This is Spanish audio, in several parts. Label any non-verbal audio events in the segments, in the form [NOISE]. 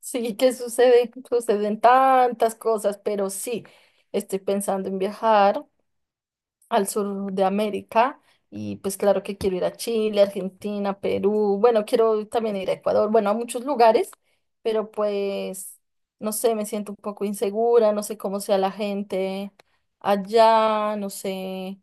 Sí, que sucede, suceden tantas cosas, pero sí, estoy pensando en viajar al sur de América y pues claro que quiero ir a Chile, Argentina, Perú, bueno, quiero también ir a Ecuador, bueno, a muchos lugares, pero pues no sé, me siento un poco insegura, no sé cómo sea la gente allá, no sé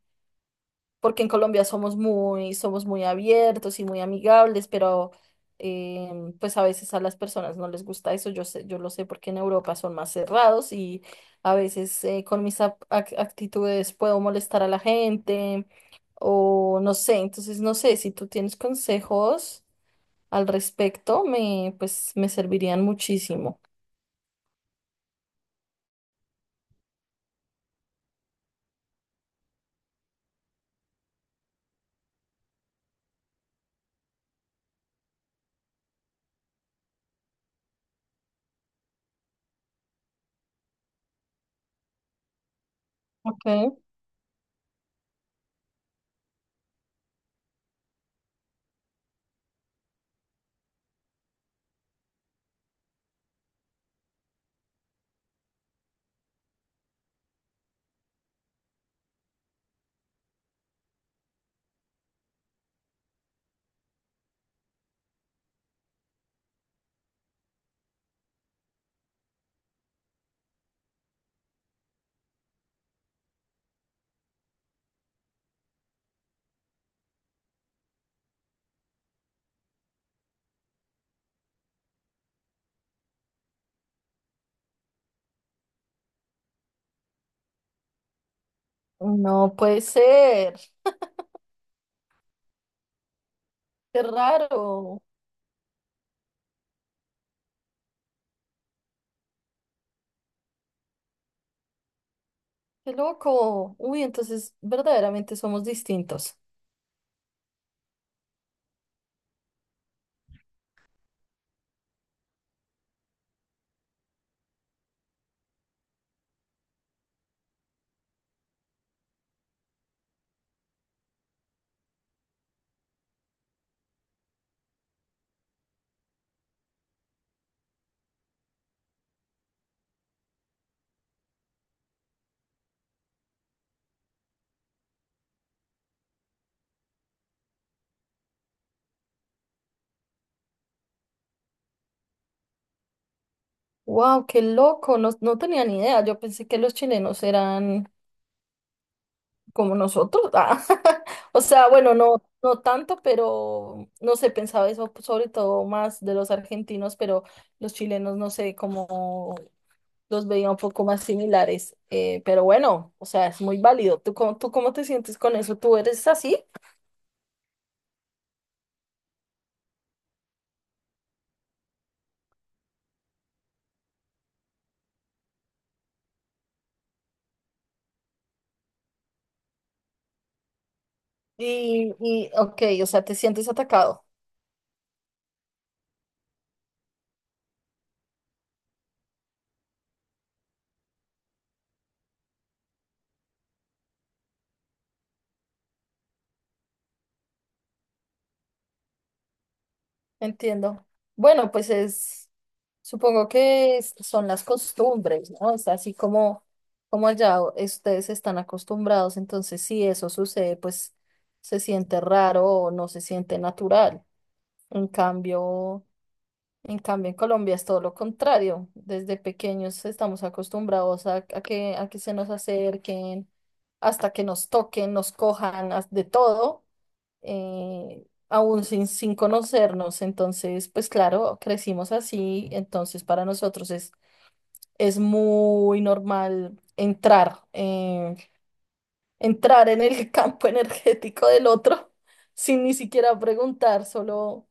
porque en Colombia somos muy abiertos y muy amigables, pero pues a veces a las personas no les gusta eso. Yo sé, yo lo sé porque en Europa son más cerrados y a veces con mis actitudes puedo molestar a la gente o no sé. Entonces no sé si tú tienes consejos al respecto, me pues me servirían muchísimo. Okay. No puede ser. Qué raro. Qué loco. Uy, entonces verdaderamente somos distintos. Wow, qué loco, no, no tenía ni idea. Yo pensé que los chilenos eran como nosotros. Ah, [LAUGHS] O sea, bueno, no, no tanto, pero no sé, pensaba eso sobre todo más de los argentinos, pero los chilenos no sé cómo los veía un poco más similares. Pero bueno, o sea, es muy válido. ¿Tú cómo te sientes con eso? ¿Tú eres así? Y ok, o sea, te sientes atacado. Entiendo. Bueno, supongo que son las costumbres, ¿no? Es así como, como allá ustedes están acostumbrados, entonces si eso sucede, pues se siente raro o no se siente natural. En cambio, en cambio en Colombia es todo lo contrario. Desde pequeños estamos acostumbrados a que se nos acerquen, hasta que nos toquen, nos cojan, de todo aún sin conocernos. Entonces, pues claro, crecimos así, entonces para nosotros es muy normal entrar, entrar en el [LAUGHS] campo energético del otro [LAUGHS] sin ni siquiera preguntar, solo,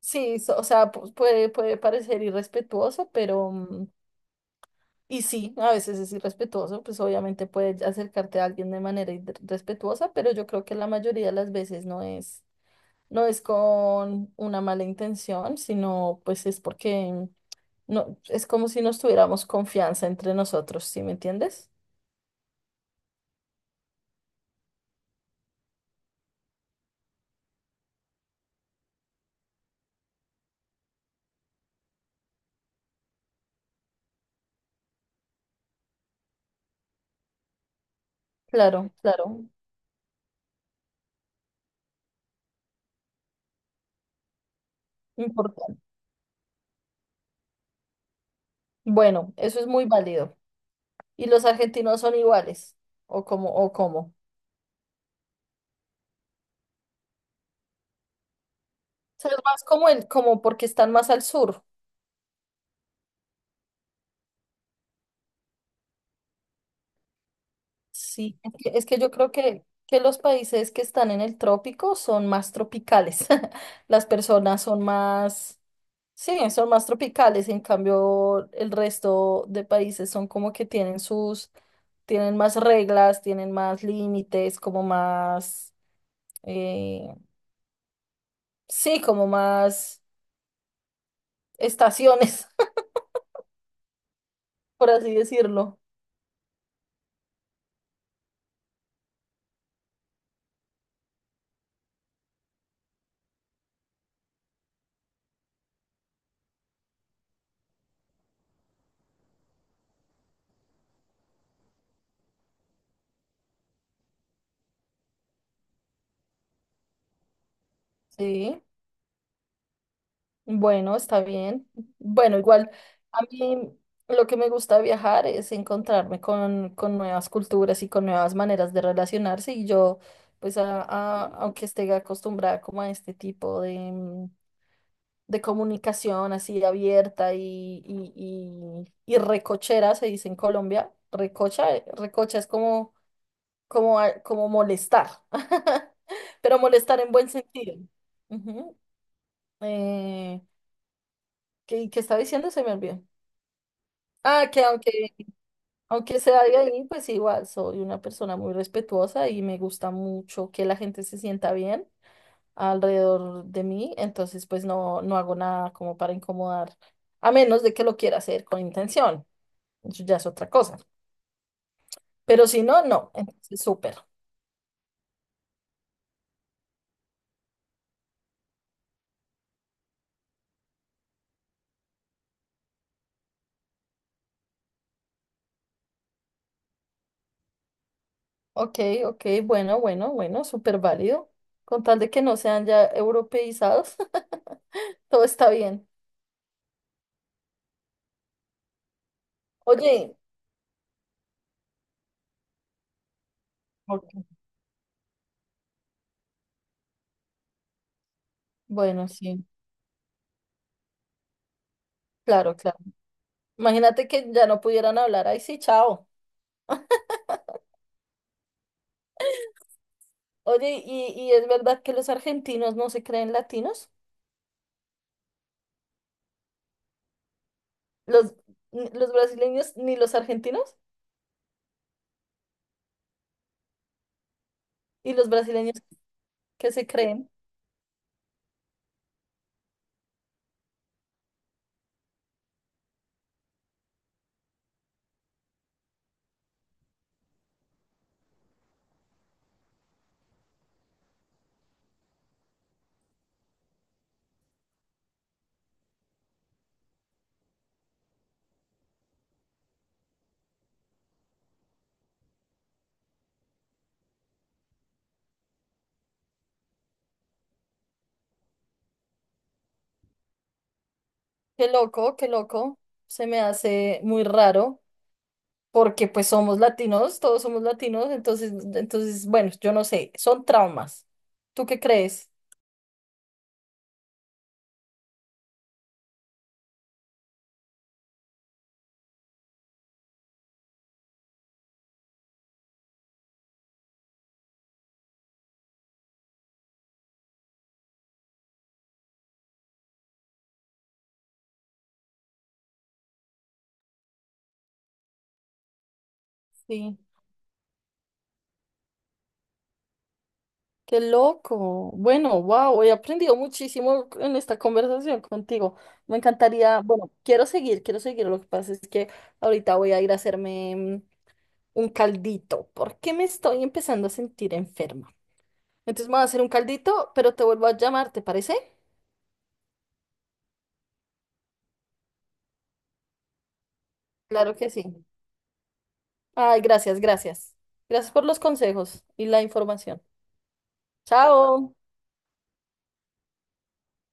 sí, o sea, puede parecer irrespetuoso, pero... mm, y sí, a veces es irrespetuoso, pues obviamente puedes acercarte a alguien de manera irrespetuosa, pero yo creo que la mayoría de las veces no es. No es con una mala intención, sino pues es porque no, es como si nos tuviéramos confianza entre nosotros, ¿sí me entiendes? Claro, claro, importante. Bueno, eso es muy válido. ¿Y los argentinos son iguales? ¿O cómo? ¿O cómo? O sea, es más como el, como porque están más al sur. Sí, es que yo creo que los países que están en el trópico son más tropicales. [LAUGHS] Las personas son más sí, son más tropicales, en cambio el resto de países son como que tienen más reglas, tienen más límites, como más, eh, sí, como más estaciones, [LAUGHS] por así decirlo. Sí, bueno, está bien. Bueno, igual a mí lo que me gusta de viajar es encontrarme con nuevas culturas y con nuevas maneras de relacionarse y yo, pues, aunque esté acostumbrada como a este tipo de... mm, de comunicación así abierta y recochera, se dice en Colombia. Recocha, recocha es como, como, como molestar, [LAUGHS] pero molestar en buen sentido. Ujú. Eh, ¿qué estaba diciendo? Se me olvidó. Ah, que aunque, aunque sea de ahí, pues igual soy una persona muy respetuosa y me gusta mucho que la gente se sienta bien alrededor de mí, entonces pues no, no hago nada como para incomodar, a menos de que lo quiera hacer con intención, eso ya es otra cosa, pero si no, no, entonces súper. Ok, ok, bueno, bueno, bueno, súper válido, con tal de que no sean ya europeizados, [LAUGHS] todo está bien. Oye, ok, bueno, sí, claro, claro. Imagínate que ya no pudieran hablar, ahí sí, chao. Oye, y es verdad que los argentinos no se creen latinos? ¿Los, los brasileños ni los argentinos? Y los brasileños que se creen, qué loco, se me hace muy raro, porque pues somos latinos, todos somos latinos, entonces, entonces, bueno, yo no sé, son traumas. ¿Tú qué crees? Sí, qué loco. Bueno, wow, he aprendido muchísimo en esta conversación contigo. Me encantaría, bueno, quiero seguir, quiero seguir. Lo que pasa es que ahorita voy a ir a hacerme un caldito, porque me estoy empezando a sentir enferma. Entonces me voy a hacer un caldito, pero te vuelvo a llamar, ¿te parece? Claro que sí. Ay, gracias, gracias. Gracias por los consejos y la información. Chao.